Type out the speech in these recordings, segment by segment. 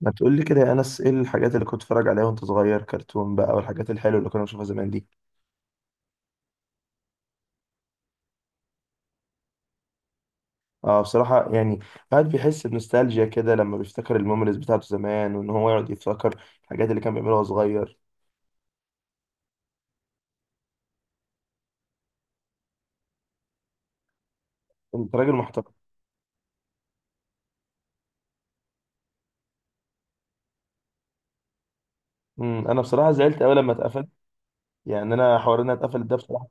ما تقول لي كده يا انس، ايه الحاجات اللي كنت بتتفرج عليها وانت صغير؟ كرتون بقى والحاجات الحلوه اللي كنا بنشوفها زمان دي. اه، بصراحه يعني الواحد بيحس بنوستالجيا كده لما بيفتكر الميموريز بتاعته زمان، وان هو يقعد يفتكر الحاجات اللي كان بيعملها وهو صغير. انت راجل محترم. انا بصراحه زعلت قوي لما اتقفل. يعني انا حوار انها اتقفلت ده بصراحه.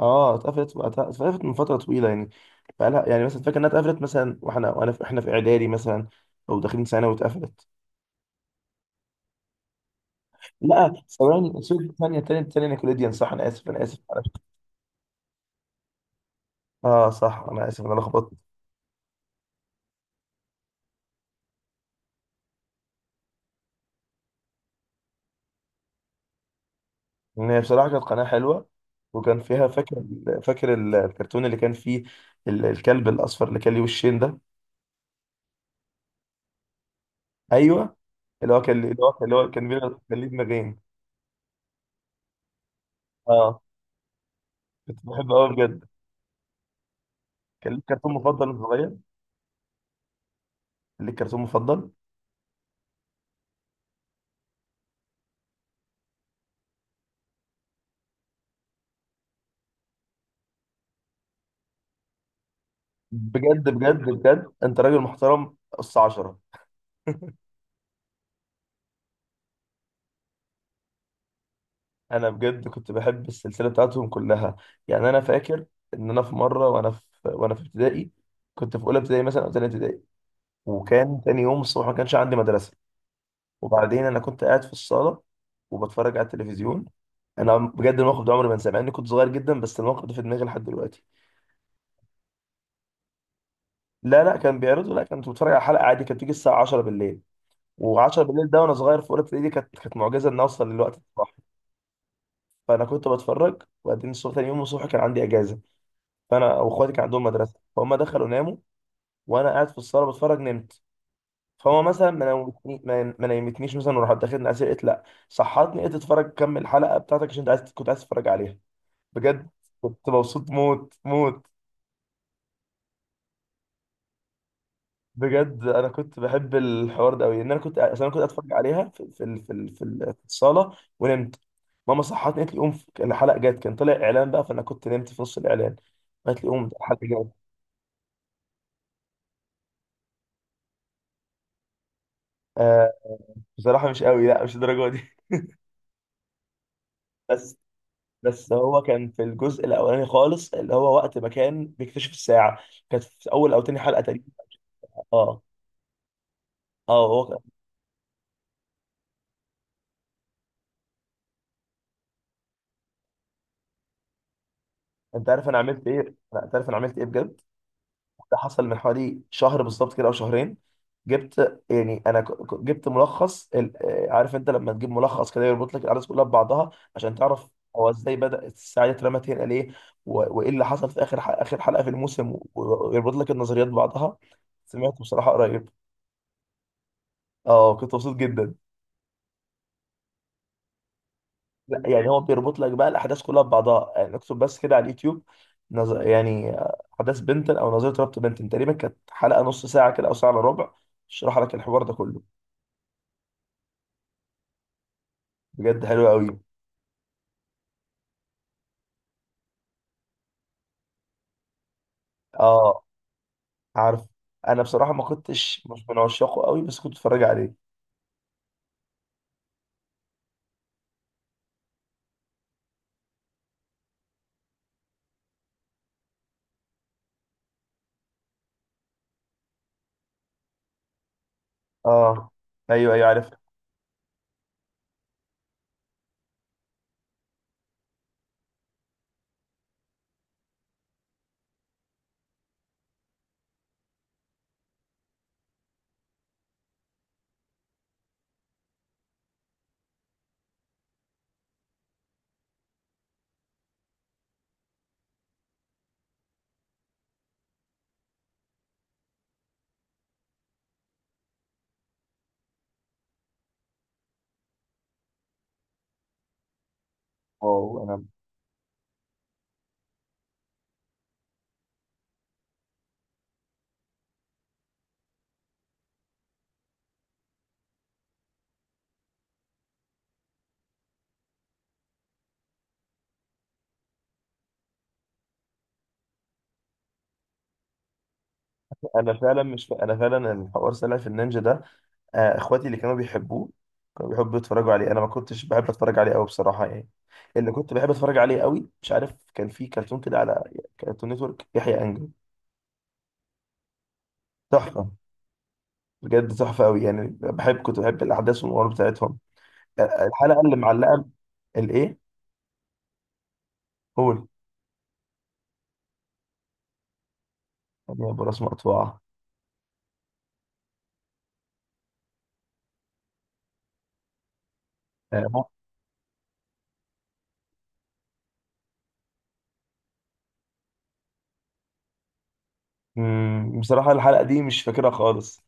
اه، اتقفلت من فتره طويله يعني. بقالها يعني، مثلا فاكر انها اتقفلت مثلا واحنا وانا في احنا في اعدادي مثلا، او داخلين ثانوي واتقفلت. لا، ثواني، سوري، ثانيه ثانيه ثانيه، نيكوليديان صح، انا اسف انا اسف. اه صح، انا اسف إن انا لخبطت. ان هي بصراحه كانت قناه حلوه، وكان فيها، فاكر الكرتون اللي كان فيه الكلب الاصفر اللي كان ليه وشين ده. ايوه. اللي هو كان اللي هو كان اللي هو كان كان ليه دماغين. اه، كنت بحبه قوي بجد. كان ليك كرتون مفضل وانت صغير؟ كان ليك كرتون مفضل؟ بجد بجد بجد، انت راجل محترم، قص عشرة. انا بجد كنت بحب السلسله بتاعتهم كلها. يعني انا فاكر ان انا في مره، وانا في ابتدائي، كنت في اولى ابتدائي مثلا او ثانيه ابتدائي، وكان تاني يوم الصبح ما كانش عندي مدرسة. وبعدين أنا كنت قاعد في الصالة وبتفرج على التلفزيون. أنا بجد الموقف ده عمري ما انساه، مع إني كنت صغير جدا، بس الموقف ده في دماغي لحد دلوقتي. لا لا، كان بيعرضوا، لا كنت بتفرج على حلقة عادي، كانت بتيجي الساعة 10 بالليل. و10 بالليل ده وأنا صغير في أولى ابتدائي دي كانت معجزة إن أوصل للوقت الصح. فأنا كنت بتفرج، وبعدين الصبح، تاني يوم الصبح كان عندي إجازة. فأنا وإخواتي كان عندهم مدرسة فهم دخلوا ناموا، وأنا قاعد في الصالة بتفرج، نمت. فهو مثلا ما نومتني، ما نيمتنيش مثلا، وراح داخلني اسير، قلت لا، صحتني، قلت اتفرج، كمل الحلقه بتاعتك عشان انت عايز كنت عايز تتفرج عليها. بجد كنت مبسوط موت موت. بجد انا كنت بحب الحوار ده قوي، ان انا كنت، اصل انا كنت اتفرج عليها في الصاله ونمت. ماما صحتني قالت لي قوم، الحلقه جت، كان طلع اعلان بقى، فانا كنت نمت في نص الاعلان، قالت لي قوم الحلقه جت. آه. بصراحه مش قوي، لا مش الدرجه دي. بس بس هو كان في الجزء الاولاني خالص، اللي هو وقت ما كان بيكتشف الساعه، كانت في اول او تاني حلقه تقريبا. اه اه هو كان- انت عارف انا عملت ايه؟ لا، انت عارف انا عملت ايه بجد. ده حصل من حوالي شهر بالظبط كده، او شهرين. جبت، يعني انا جبت ملخص عارف انت لما تجيب ملخص كده يربط لك الاحداث كلها ببعضها عشان تعرف هو ازاي بدأ، الساعه دي اترمت هنا ليه، وايه اللي حصل في اخر اخر حلقه في الموسم، ويربط لك النظريات ببعضها. سمعته بصراحه قريب. اه، كنت مبسوط جدا. لا يعني هو بيربط لك بقى الاحداث كلها ببعضها، يعني اكتب بس كده على اليوتيوب نظ... يعني آه، احداث بنتن او نظريه ربط بنتن، تقريبا كانت حلقه نص ساعه كده او ساعه الا ربع، شرح لك الحوار ده كله. بجد حلو قوي. اه عارف. انا بصراحه ما كنتش، مش من عشاقه قوي، بس كنت اتفرج عليه. اه، ايوه ايوه، عارف. واو انا، انا فعلا مش انا فعلا الحوار سلاحف النينجا ده، اخواتي اللي كانوا بيحبوه، كانوا بيحبوا يتفرجوا عليه، انا ما كنتش بحب اتفرج عليه قوي بصراحه يعني. اللي كنت بحب اتفرج عليه قوي، مش عارف، كان في كرتون كده على كرتون نتورك، يحيى انجل. تحفه. بجد تحفه قوي يعني، كنت بحب الاحداث والامور بتاعتهم. الحلقه اللي معلقه، الايه؟ قول. يا ابو راس مقطوعه. آه. بصراحه الحلقه دي مش فاكرها خالص،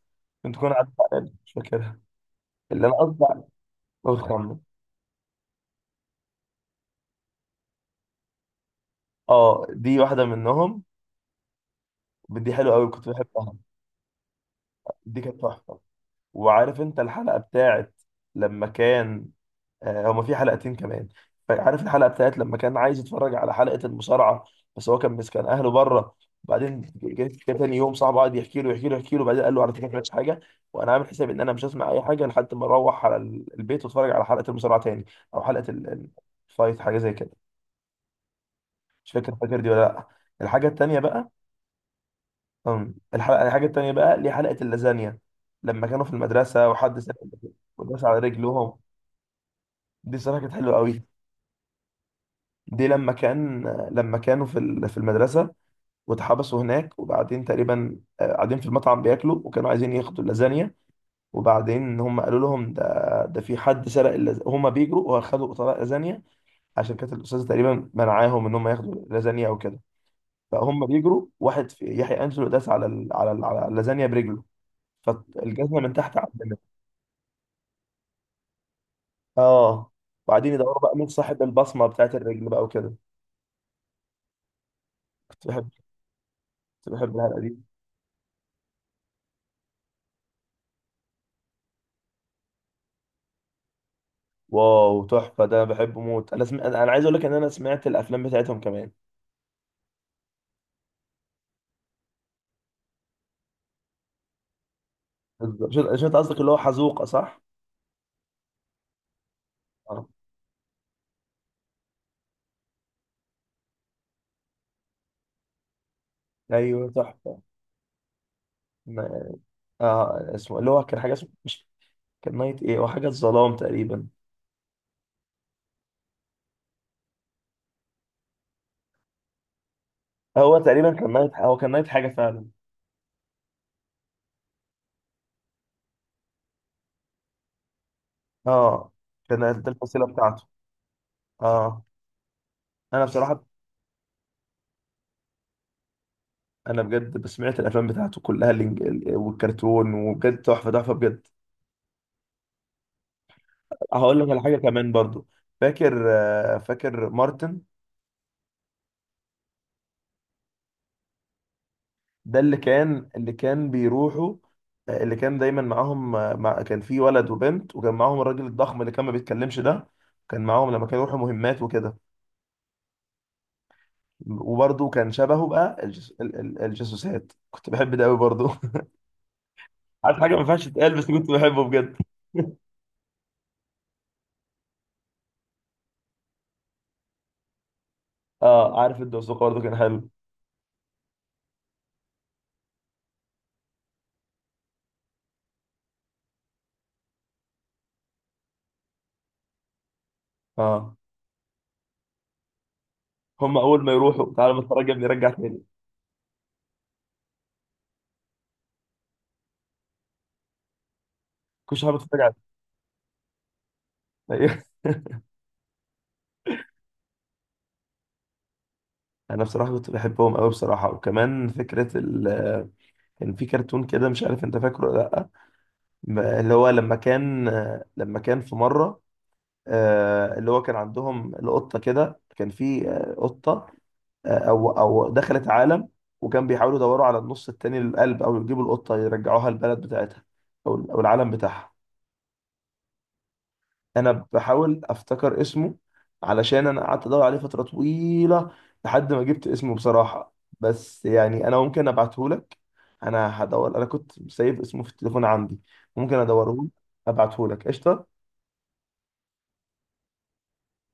كنت عدت عليها، مش فاكرها. اللي انا قصدي عليه- قول خمن. اه، دي واحده منهم. دي حلوه قوي، كنت بحبها. دي كانت تحفه. وعارف انت الحلقة بتاعت لما كان، هما في حلقتين كمان. عارف الحلقة بتاعت لما كان عايز يتفرج على حلقة المصارعة، بس هو كان مسكن اهله بره، وبعدين جه تاني يوم صاحبه قعد يحكي له يحكي له يحكي له، وبعدين قال له على فكرة ما سمعتش حاجة، وانا عامل حساب ان انا مش هسمع اي حاجة لحد ما اروح على البيت واتفرج على حلقة المصارعة تاني، او حلقة الفايت، حاجة زي كده. مش فاكر دي ولا لا؟ الحاجة التانية بقى. الحاجة التانية بقى، ليه حلقة اللازانيا، لما كانوا في المدرسة وحد سرق وداس على رجلهم. دي صراحة كانت حلوة قوي. دي لما كان، لما كانوا في في المدرسة واتحبسوا هناك، وبعدين تقريبا، قاعدين في المطعم بياكلوا، وكانوا عايزين ياخدوا اللازانيا، وبعدين هم قالوا لهم ده في حد سرق، هم بيجروا واخدوا طبق لازانيا، عشان كانت الأستاذة تقريبا منعاهم ان هم ياخدوا لازانيا او كده. فهم بيجروا، واحد في يحيى أنجلو داس على اللازانيا برجله، فالجزمة من تحت عدلت. اه، وبعدين يدوروا بقى مين صاحب البصمة بتاعت الرجل بقى وكده. كنت بحب كنت بحب الحلقة دي. واو تحفه، ده انا بحبه موت، انا عايز اقول لك ان انا سمعت الافلام بتاعتهم كمان. بالظبط، شو انت قصدك، اللي هو حزوقه صح؟ اه ايوه تحفه. ن- اه، اسمه اللي هو كان حاجه، اسمه مش، كان نايت ايه، هو حاجه الظلام تقريبا. هو تقريبا كان نايت، هو كان نايت حاجه فعلا. اه، كان دي الفصيله بتاعته. اه انا بصراحه. انا بجد سمعت الافلام بتاعته كلها، والكرتون، وبجد تحفه تحفه بجد. هقول لك على حاجه كمان برضو. فاكر، فاكر مارتن، ده اللي كان، اللي كان بيروحوا، اللي كان دايما معاهم، آه، مع كان في ولد وبنت، وكان معاهم الراجل الضخم اللي كان ما بيتكلمش ده، كان معاهم لما كانوا يروحوا مهمات وكده. وبرده كان شبهه بقى، الجاسوسات، كنت بحب ده قوي برضه. عارف حاجه ما ينفعش تتقال، بس كنت بحبه بجد. اه، عارف الدوسوق برضه كان حلو. اه، هم اول ما يروحوا تعالى نتفرج يا ابني، رجع تاني. كل شويه بتفرج على. أيوه. انا بصراحه كنت بحبهم قوي بصراحه، وكمان فكره ال... آه، كان في كرتون كده، مش عارف انت فاكره ولا لا، اللي هو لما كان، لما كان في مرة، اللي هو كان عندهم القطة كده، كان في قطة، أو دخلت عالم، وكان بيحاولوا يدوروا على النص التاني للقلب، أو يجيبوا القطة يرجعوها البلد بتاعتها، أو العالم بتاعها. أنا بحاول أفتكر اسمه، علشان أنا قعدت أدور عليه فترة طويلة لحد ما جبت اسمه بصراحة. بس يعني أنا ممكن أبعتهولك، أنا هدور، أنا كنت سايب اسمه في التليفون عندي، ممكن أدوره، أبعتهولك قشطة.